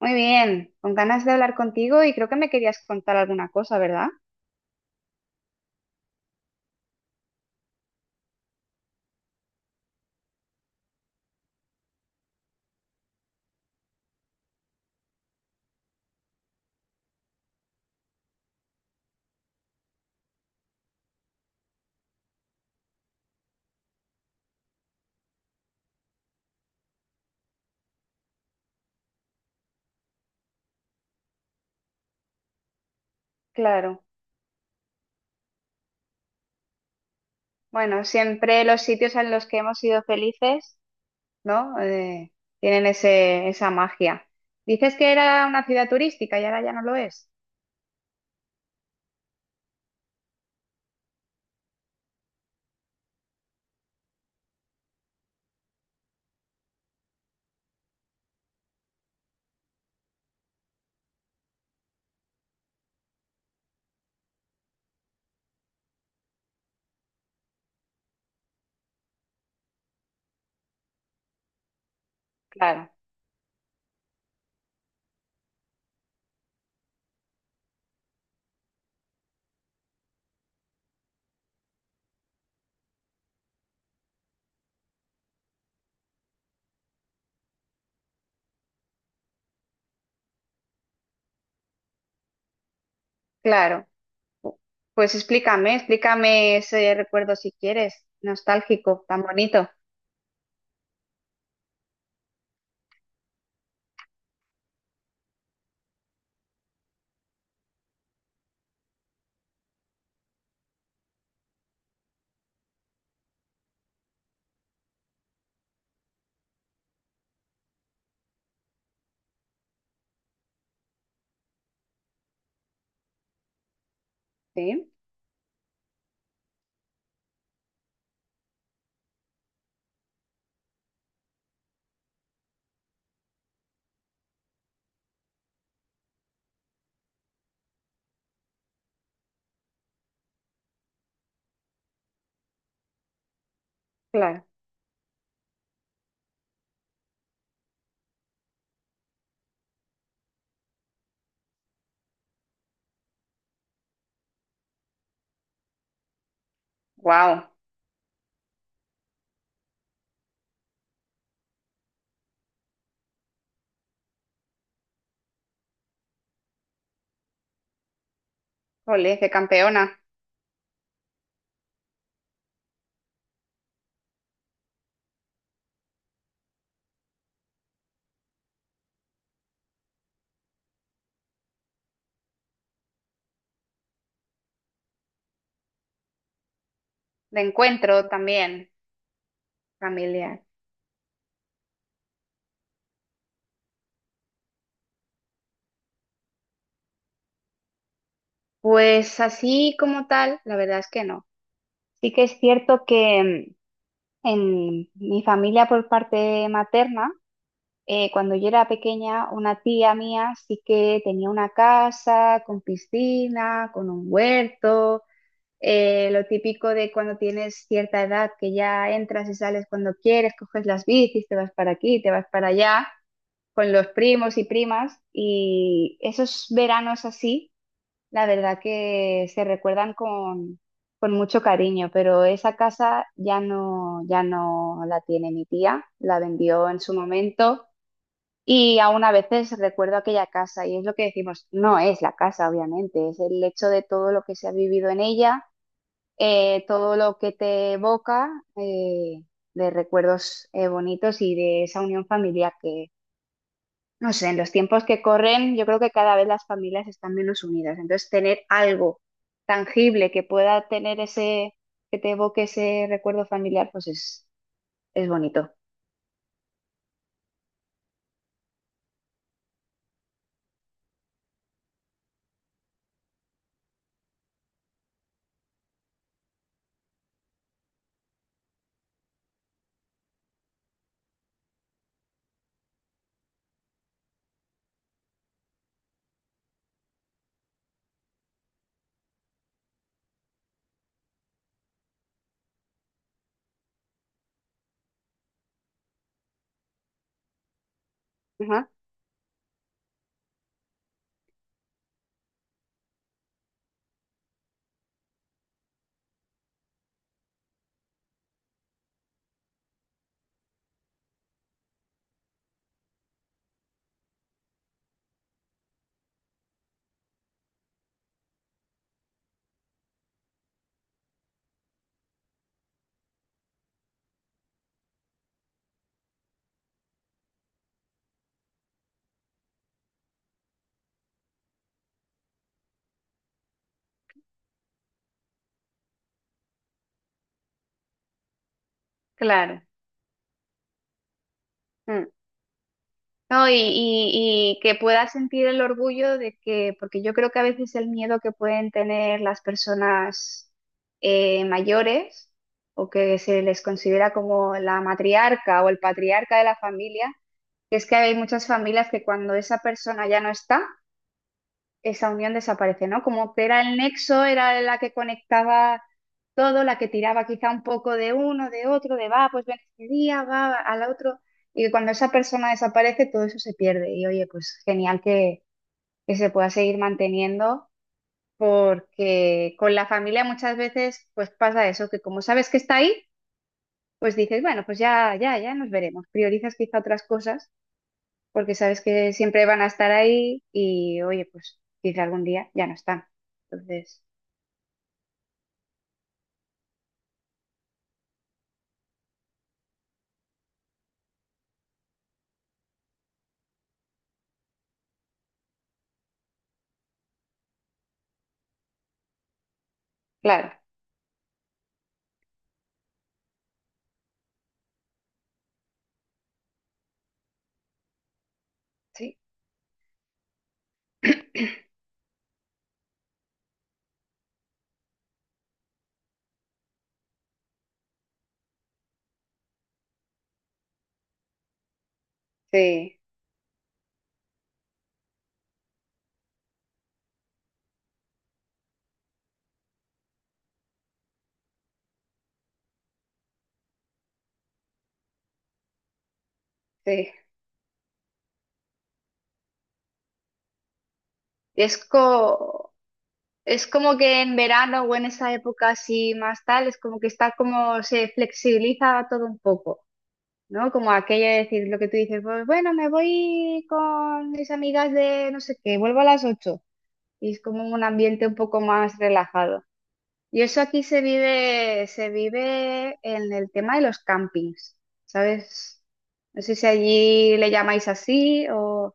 Muy bien, con ganas de hablar contigo y creo que me querías contar alguna cosa, ¿verdad? Claro. Bueno, siempre los sitios en los que hemos sido felices, ¿no? Tienen ese, esa magia. Dices que era una ciudad turística y ahora ya no lo es. Claro, claro. Pues explícame, explícame ese recuerdo si quieres, nostálgico, tan bonito. Sí, claro. Wow, ole, qué campeona. De encuentro también, familiar. Pues así como tal, la verdad es que no. Sí que es cierto que en mi familia por parte materna, cuando yo era pequeña, una tía mía sí que tenía una casa con piscina, con un huerto, lo típico de cuando tienes cierta edad que ya entras y sales cuando quieres, coges las bicis, te vas para aquí, te vas para allá, con los primos y primas. Y esos veranos así la verdad que se recuerdan con mucho cariño, pero esa casa ya no, ya no la tiene mi tía, la vendió en su momento y aún a veces recuerdo aquella casa y es lo que decimos, no es la casa, obviamente, es el hecho de todo lo que se ha vivido en ella, todo lo que te evoca eh, de recuerdos bonitos y de esa unión familiar. No sé, en los tiempos que corren, yo creo que cada vez las familias están menos unidas. Entonces, tener algo tangible que pueda tener ese, que te evoque ese recuerdo familiar, pues es bonito. Ajá, claro. Mm. No, y que puedas sentir el orgullo de que, porque yo creo que a veces el miedo que pueden tener las personas mayores o que se les considera como la matriarca o el patriarca de la familia. Es que hay muchas familias que cuando esa persona ya no está, esa unión desaparece, ¿no? Como que era el nexo, era la que conectaba todo, la que tiraba quizá un poco de uno, de otro, de va, pues ven este día, va al otro. Y cuando esa persona desaparece, todo eso se pierde. Y oye, pues genial que se pueda seguir manteniendo, porque con la familia muchas veces pues pasa eso, que como sabes que está ahí, pues dices, bueno, pues ya, ya, ya nos veremos. Priorizas quizá otras cosas porque sabes que siempre van a estar ahí y, oye, pues quizá algún día ya no están. Entonces, claro, sí, sí, sí. Es, co- es como que en verano o en esa época así más tal, es como que está como se flexibiliza todo un poco. ¿No? Como aquello de decir lo que tú dices, pues bueno, me voy con mis amigas de no sé qué, vuelvo a las 8. Y es como un ambiente un poco más relajado. Y eso aquí se vive en el tema de los campings, ¿sabes? No sé si allí le llamáis así o...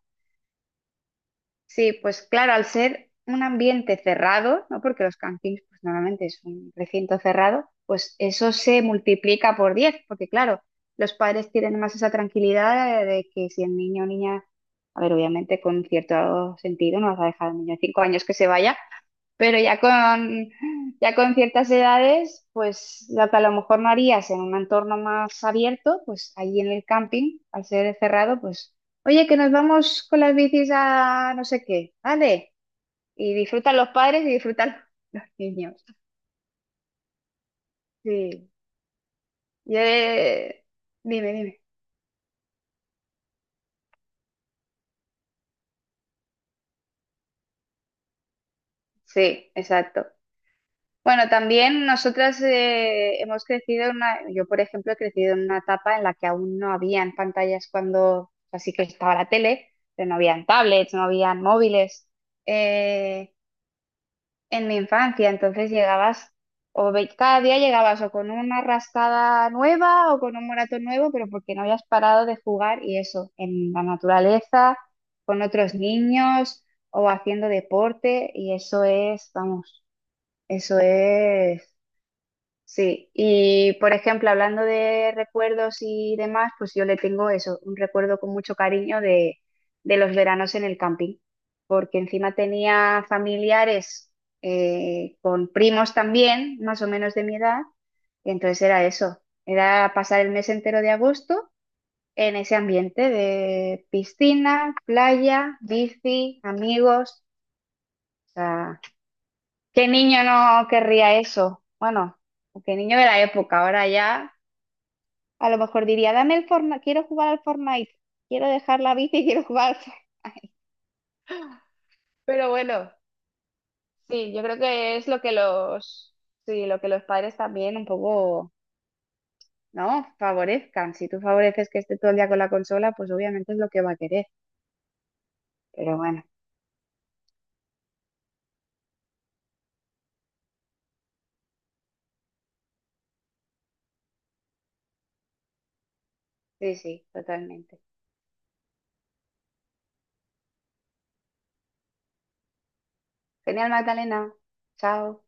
Sí, pues claro, al ser un ambiente cerrado, ¿no? Porque los campings pues, normalmente es un recinto cerrado, pues eso se multiplica por 10, porque claro, los padres tienen más esa tranquilidad de que si el niño o niña, a ver, obviamente con cierto sentido no vas a dejar al niño de 5 años que se vaya, pero ya con ciertas edades, pues lo que a lo mejor no harías en un entorno más abierto, pues allí en el camping, al ser cerrado, pues. Oye, que nos vamos con las bicis a no sé qué, ¿vale? Y disfrutan los padres y disfrutan los niños. Sí. Yo, eh, Dime, dime. Sí, exacto. Bueno, también nosotras hemos crecido en una, yo por ejemplo he crecido en una etapa en la que aún no habían pantallas cuando, así que estaba la tele, pero no habían tablets, no habían móviles. Eh, en mi infancia, entonces llegabas, cada día llegabas o con una rascada nueva o con un moratón nuevo, pero porque no habías parado de jugar y eso, en la naturaleza, con otros niños o haciendo deporte, y eso es, vamos, eso es. Sí, y por ejemplo, hablando de recuerdos y demás, pues yo le tengo eso, un recuerdo con mucho cariño de los veranos en el camping, porque encima tenía familiares con primos también, más o menos de mi edad, y entonces era eso, era pasar el mes entero de agosto en ese ambiente de piscina, playa, bici, amigos, o sea, ¿qué niño no querría eso? Bueno, ¿qué niño de la época? Ahora ya... A lo mejor diría, dame el Fortnite, quiero jugar al Fortnite, quiero dejar la bici y quiero jugar al Fortnite. Pero bueno, sí, yo creo que es lo que los, sí, lo que los padres también un poco, ¿no? Favorezcan. Si tú favoreces que esté todo el día con la consola, pues obviamente es lo que va a querer. Pero bueno, sí, sí, totalmente. Genial, Magdalena. Chao.